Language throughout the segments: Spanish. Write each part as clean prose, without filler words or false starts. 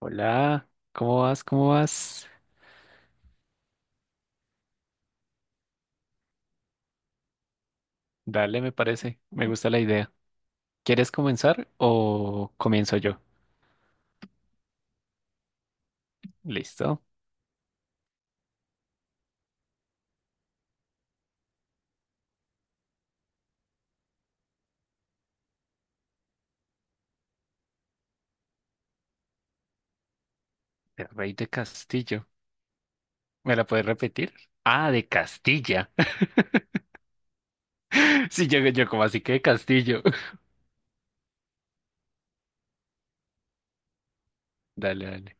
Hola, ¿cómo vas? ¿Cómo vas? Dale, me parece. Me gusta la idea. ¿Quieres comenzar o comienzo yo? Listo. El rey de Castillo. ¿Me la puedes repetir? Ah, de Castilla. Sí, yo como así que de Castillo. Dale, dale.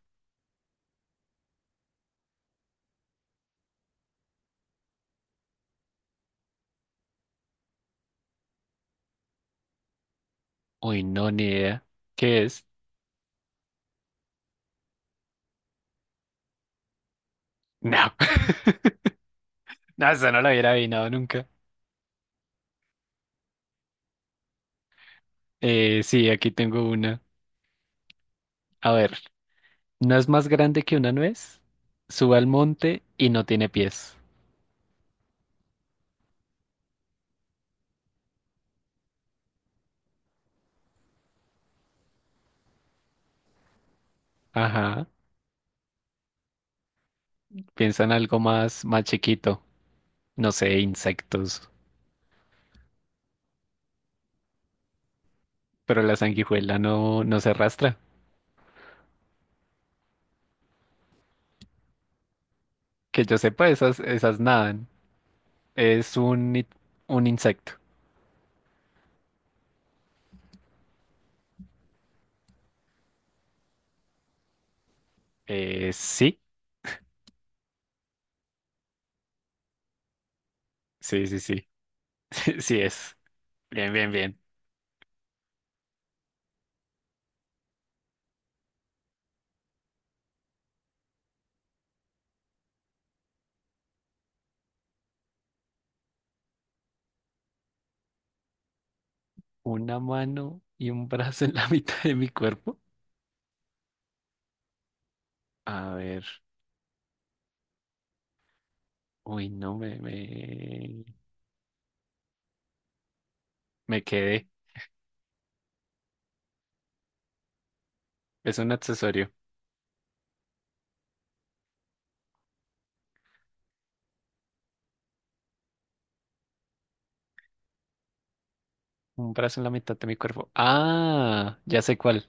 Uy, no, ni idea. ¿Qué es? No. No, eso no lo hubiera adivinado nunca. Sí, aquí tengo una. A ver, ¿no es más grande que una nuez? Sube al monte y no tiene pies. Ajá. Piensa en algo más chiquito. No sé, insectos. Pero la sanguijuela no se arrastra. Que yo sepa, esas nadan. Es un, un insecto. Sí, sí, sí, sí. Sí es. Bien, bien, bien. Una mano y un brazo en la mitad de mi cuerpo. A ver. Uy, no, me quedé. Es un accesorio. Un brazo en la mitad de mi cuerpo. Ah, ya sé cuál.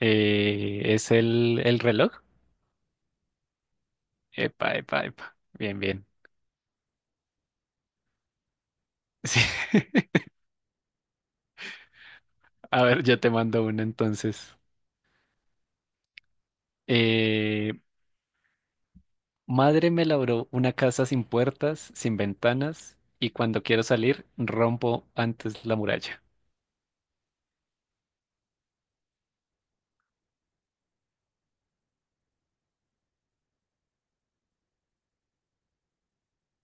¿Es el reloj? Epa, epa, epa. Bien, bien. Sí. A ver, yo te mando uno entonces. Eh, madre me labró una casa sin puertas, sin ventanas, y cuando quiero salir, rompo antes la muralla.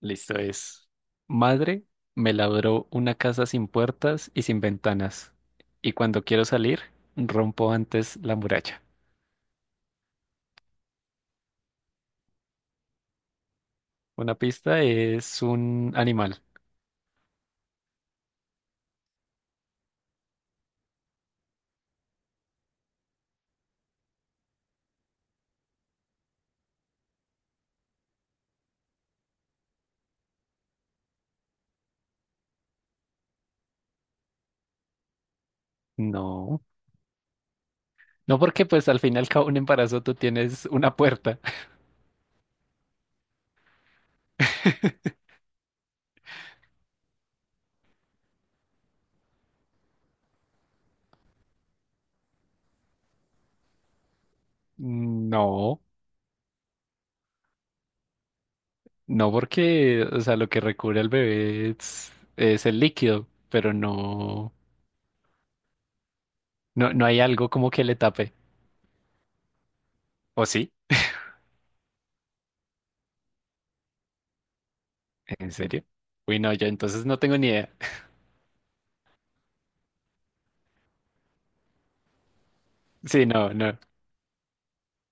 Listo es. Madre me labró una casa sin puertas y sin ventanas, y cuando quiero salir, rompo antes la muralla. Una pista es un animal. No. No porque pues al fin y al cabo un embarazo tú tienes una puerta. No. No porque, o sea, lo que recubre al bebé es el líquido, pero no hay algo como que le tape. ¿O sí? ¿En serio? Uy, no, yo entonces no tengo ni idea. Sí, no, no,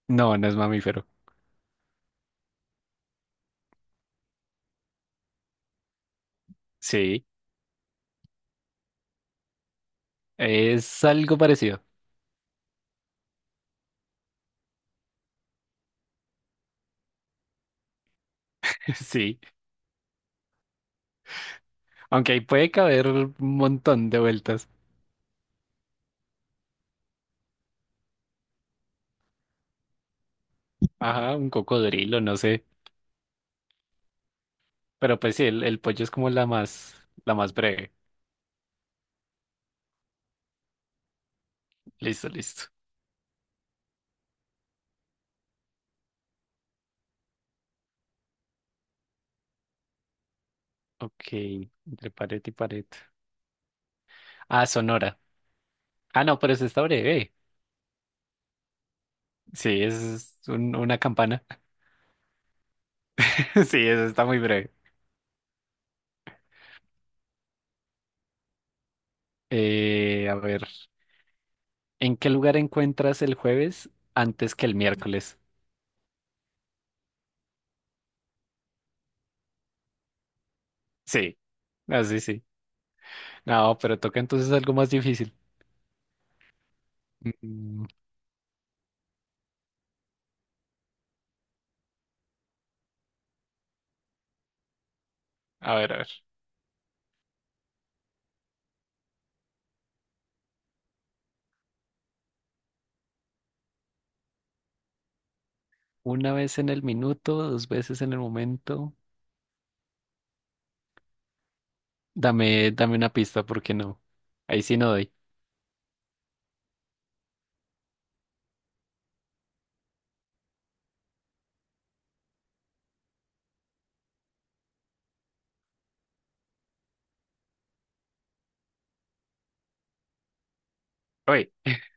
no, no es mamífero. Sí, es algo parecido. Sí, aunque ahí puede caber un montón de vueltas. Ajá, un cocodrilo, no sé. Pero pues sí, el pollo es como la más breve. Listo, listo. Ok, entre pared y pared. Ah, Sonora. Ah, no, pero esa está breve. Sí, es una campana. Sí, eso está muy breve. A ver, ¿en qué lugar encuentras el jueves antes que el miércoles? Sí, así sí. No, pero toca entonces algo más difícil. Mm, a ver, a ver. Una vez en el minuto, dos veces en el momento. Dame una pista, porque no. Ahí sí no doy. Oye,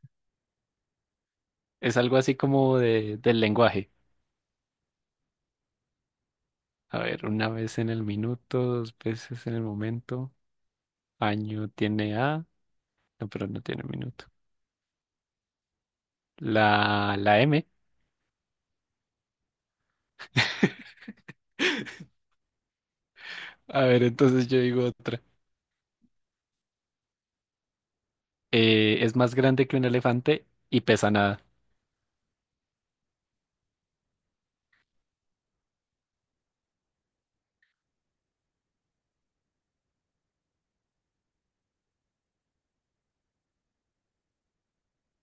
es algo así como del lenguaje. A ver, una vez en el minuto, dos veces en el momento. Año tiene A. No, pero no tiene minuto. La M. A ver, entonces yo digo otra. Es más grande que un elefante y pesa nada.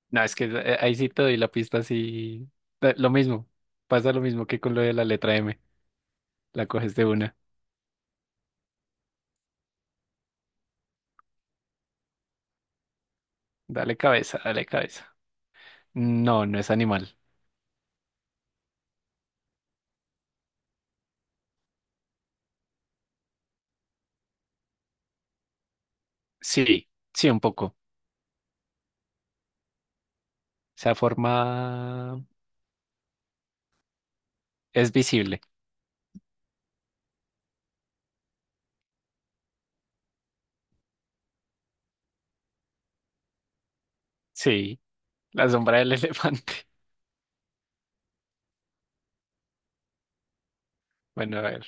No, es que ahí sí te doy la pista así. Lo mismo. Pasa lo mismo que con lo de la letra M. La coges de una. Dale cabeza, dale cabeza. No, no es animal. Sí, sí, un poco. O sea, forma es visible. Sí, la sombra del elefante. Bueno, a ver.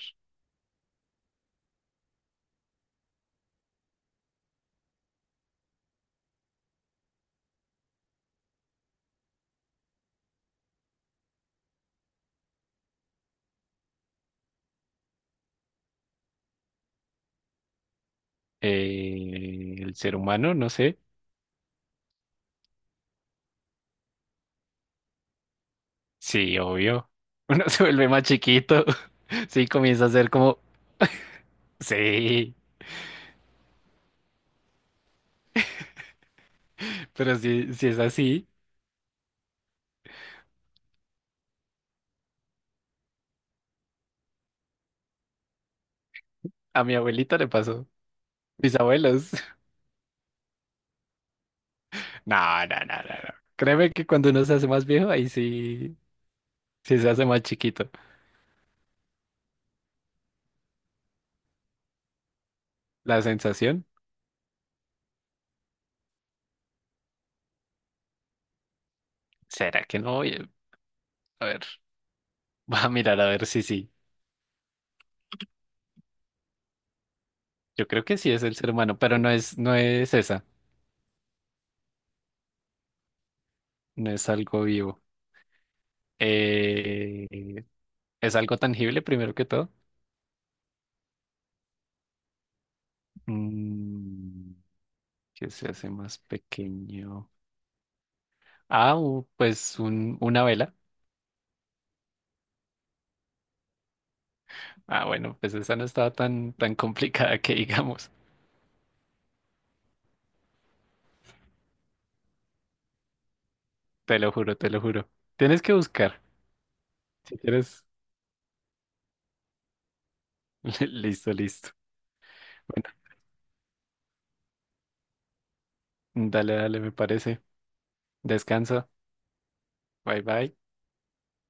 El ser humano, no sé. Sí, obvio. Uno se vuelve más chiquito. Sí, comienza a ser como, sí, pero si es así, a mi abuelita le pasó. Mis abuelos. No. Créeme que cuando uno se hace más viejo, ahí sí, sí se hace más chiquito. La sensación, ¿será que no? Oye, a ver, voy a mirar a ver si sí. Yo creo que sí es el ser humano, pero no es esa. No es algo vivo. Eh, ¿Es algo tangible primero que todo? Mm. Que se hace más pequeño. Ah, una vela. Ah, bueno, pues esa no estaba tan complicada que digamos. Te lo juro, te lo juro. Tienes que buscar. Si quieres, listo, listo. Bueno, dale, dale, me parece. Descansa. Bye, bye.